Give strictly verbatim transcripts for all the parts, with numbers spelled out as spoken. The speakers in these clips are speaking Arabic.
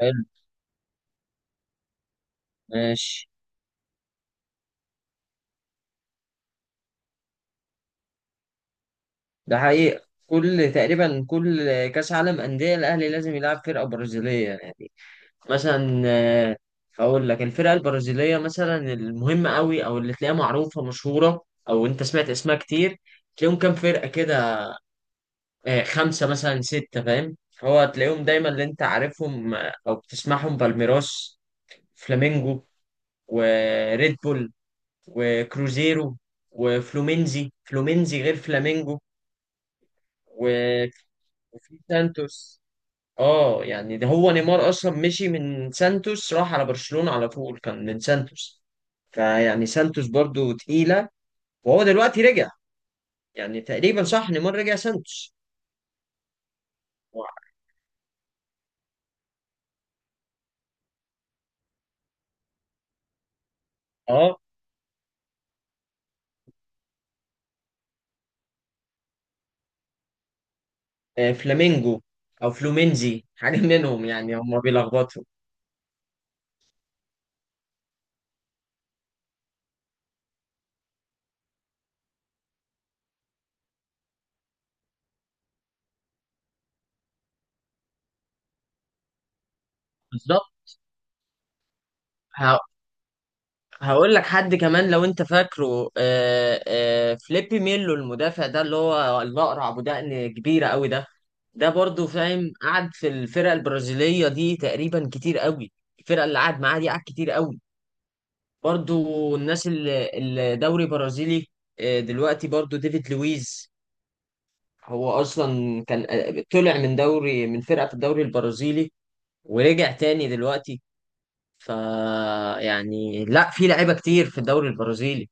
حلو. ماشي. ده حقيقة كل تقريبا كل كأس عالم أندية الأهلي لازم يلعب فرقة برازيلية يعني. مثلا آه، هقول لك الفرقة البرازيلية مثلا المهمة قوي، أو اللي تلاقيها معروفة مشهورة، أو أنت سمعت اسمها كتير. تلاقيهم كام فرقة كده؟ آه، خمسة مثلا ستة، فاهم؟ هو تلاقيهم دايما اللي أنت عارفهم، آه، أو بتسمعهم: بالميراس، فلامينجو، وريد بول، وكروزيرو، وفلومينزي. فلومينزي غير فلامينجو. و- وفي سانتوس. اه يعني ده هو نيمار اصلا مشي من سانتوس، راح على برشلونة على طول، كان من سانتوس. فيعني سانتوس برضو تقيلة. وهو دلوقتي رجع. يعني تقريبا صح، نيمار رجع سانتوس. اه، آه، فلامينجو او فلومينزي، حاجة منهم يعني، هم بيلخبطوا. بالظبط. ه- هقول لك حد كمان، لو انت فاكره، آه، آه، فليبي ميلو المدافع، ده اللي هو الاقرع ابو دقن كبيرة قوي ده. ده برضو فاهم قعد في الفرقة البرازيلية دي تقريبا كتير قوي. الفرقة اللي قعد معاها دي قعد كتير قوي. برضو الناس اللي الدوري برازيلي، آه، دلوقتي برضو ديفيد لويز، هو أصلا كان، آه، طلع من دوري، من فرقة في الدوري البرازيلي، ورجع تاني دلوقتي. ف يعني لا في لعيبة كتير في الدوري البرازيلي.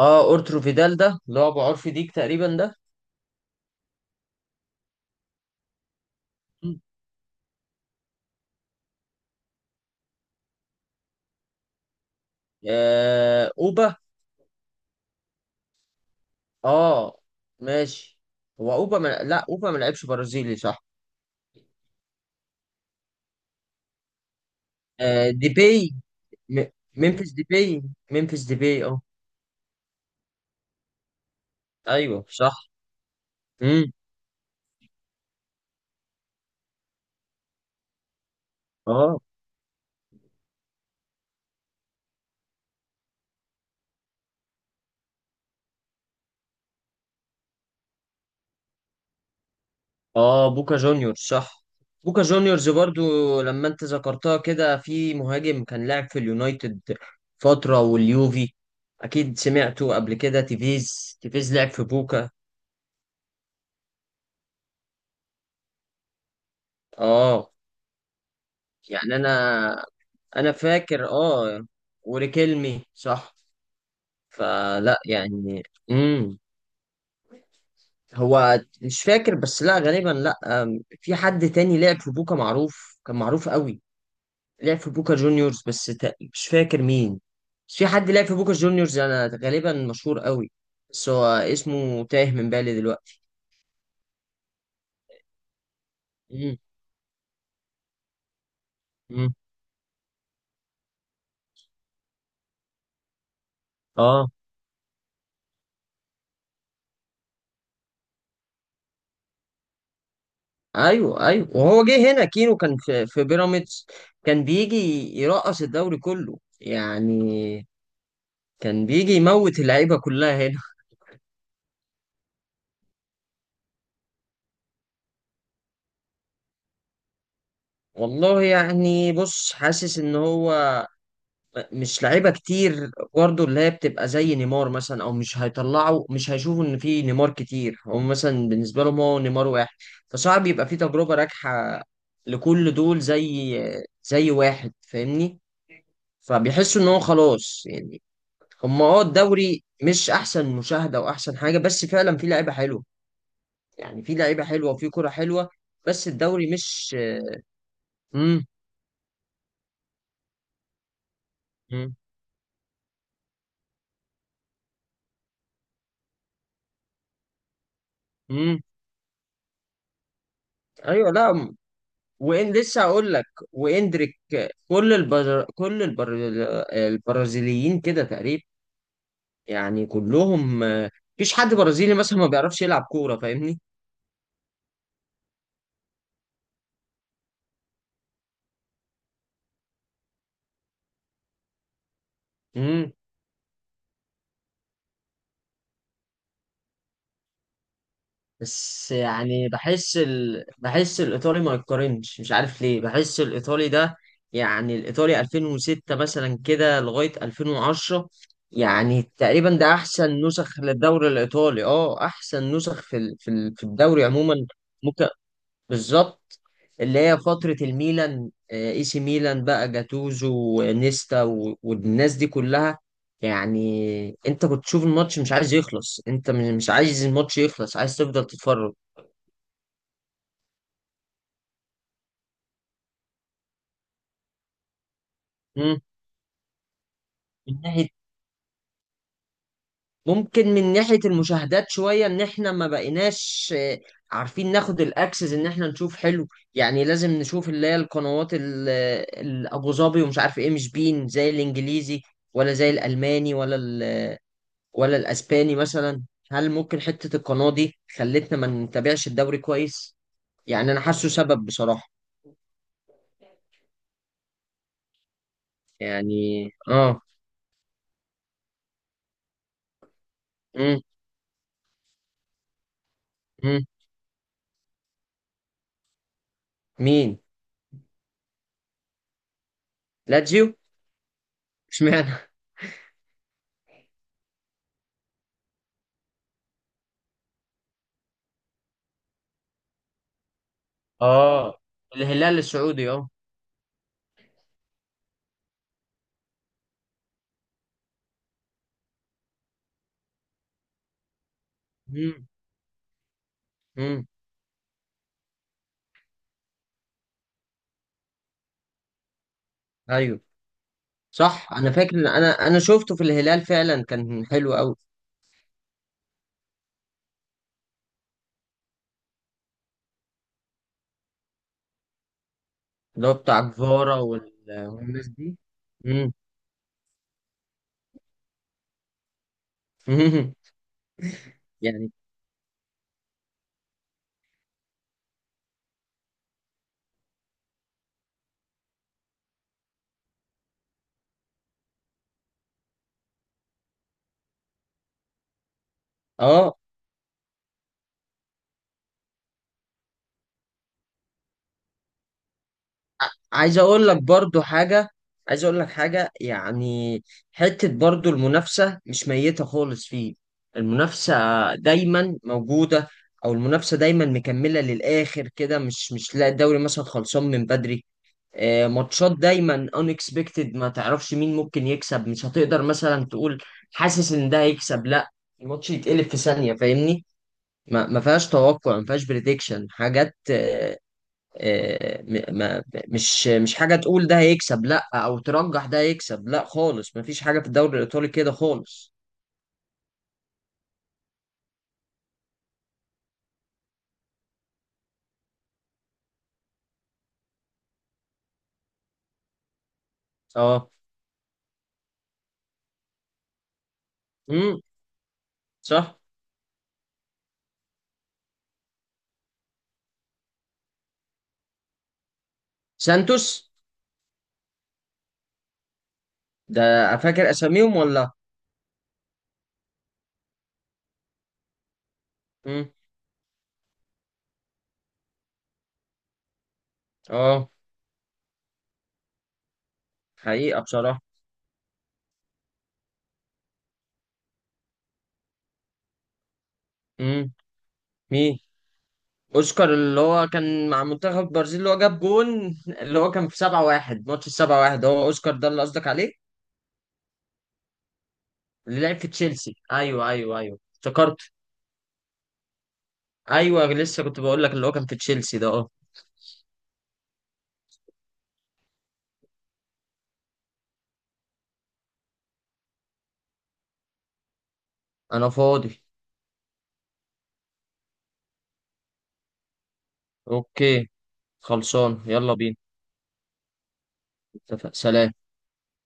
اه، اورترو فيدال ده اللي هو ابو عرفي ديك تقريبا ده. آه، اوبا. اه ماشي. هو اوبا ما... لا، اوبا ما لعبش برازيلي، صح؟ آه ديبي. م... ممفيس ديبي. ممفيس ديبي اه. ايوه صح. امم. اه اه. بوكا جونيور صح. بوكا جونيورز برضو لما انت ذكرتها كده، في مهاجم كان لاعب في اليونايتد فترة واليوفي، اكيد سمعته قبل كده، تيفيز. تيفيز لعب في بوكا. اه يعني انا انا فاكر، اه. وريكيلمي صح. فلا يعني. امم. هو مش فاكر، بس لا غالبا لا. أم، في حد تاني لعب في بوكا معروف، كان معروف قوي، لعب في بوكا جونيورز بس تا- مش فاكر مين. بس في حد لعب في بوكا جونيورز انا غالبا، مشهور قوي، بس هو اسمه تايه من بالي دلوقتي. امم. امم. اه. ايوه ايوه، وهو جه هنا كينو، كان في في بيراميدز، كان بيجي يرقص الدوري كله يعني، كان بيجي يموت اللعيبه كلها هنا. والله يعني بص، حاسس ان هو مش لعيبه كتير برضه اللي هي بتبقى زي نيمار مثلا، او مش هيطلعوا، مش هيشوفوا ان في نيمار كتير، هم مثلا بالنسبه لهم هو نيمار واحد. فصعب يبقى في تجربه ناجحه لكل دول، زي زي واحد فاهمني. فبيحسوا ان هو خلاص يعني، هم اه الدوري مش احسن مشاهده واحسن حاجه، بس فعلا في لعيبه حلوه يعني، في لعيبه حلوه وفي كره حلوه، بس الدوري مش. امم. امم. ايوه لا. وإن لسه هقول لك، واندريك. كل البر... كل البر... البرازيليين كده تقريبا، يعني كلهم، آه، مفيش حد برازيلي مثلا ما بيعرفش يلعب كورة فاهمني. امم. بس يعني بحس ال... بحس الإيطالي ما يتقارنش، مش عارف ليه بحس الإيطالي ده. يعني الإيطالي ألفين وستة مثلا كده لغاية ألفين وعشرة يعني تقريبا ده أحسن نسخ للدوري الإيطالي، أه أحسن نسخ في ال... في ال... في الدوري عموما. بالظبط. اللي هي فترة الميلان، آه، اي سي ميلان، بقى جاتوزو ونيستا و- والناس دي كلها، يعني انت كنت تشوف الماتش مش عايز يخلص، انت م- مش عايز الماتش يخلص، عايز تفضل تتفرج. مم. من ناحية، ممكن من ناحية المشاهدات شوية، ان احنا ما بقيناش، آه، عارفين ناخد الاكسس ان احنا نشوف حلو، يعني لازم نشوف اللي هي القنوات ال- الابو ظبي ومش عارف ايه، مش بين زي الانجليزي، ولا زي الالماني، ولا ولا الاسباني مثلا. هل ممكن حتة القناة دي خلتنا ما نتابعش الدوري كويس؟ يعني انا حاسه سبب بصراحة. يعني اه. امم. امم. مين؟ لاتسيو. اشمعنى؟ اه الهلال السعودي اه. امم. امم. ايوه صح، انا فاكر ان انا انا شفته في الهلال، فعلا كان حلو قوي. اللي هو بتاع جفارا وال- والناس دي. امم. يعني اه. عايز اقول لك برضو حاجة، عايز اقول لك حاجة يعني. حتة برضو المنافسة مش ميتة خالص، فيه المنافسة دايما موجودة، او المنافسة دايما مكملة للاخر كده، مش مش لا الدوري مثلا خلصان من بدري. آه، ماتشات دايما unexpected، ما تعرفش مين ممكن يكسب، مش هتقدر مثلا تقول حاسس ان ده هيكسب لا، الماتش يتقلب في ثانية فاهمني. ما ما فيهاش توقع، ما فيهاش بريدكشن حاجات، آه، آه، م- ما مش مش حاجة تقول ده هيكسب لا، او ترجح ده هيكسب لا خالص، مفيش حاجة في الدوري الايطالي كده خالص. اه. امم. صح. سانتوس ده، فاكر اساميهم ولا؟ امم. اه. حقيقة بصراحة. امم. مين؟ اوسكار اللي هو كان مع منتخب البرازيل، اللي هو جاب جون اللي هو كان في سبعة واحد، ماتش ال سبعة واحد، هو اوسكار ده اللي قصدك عليه؟ اللي لعب في تشيلسي ايوه ايوه ايوه افتكرت. ايوه لسه كنت بقول لك اللي هو كان في تشيلسي ده اه. انا فاضي. اوكي خلصان يلا بينا. اتفق سلام.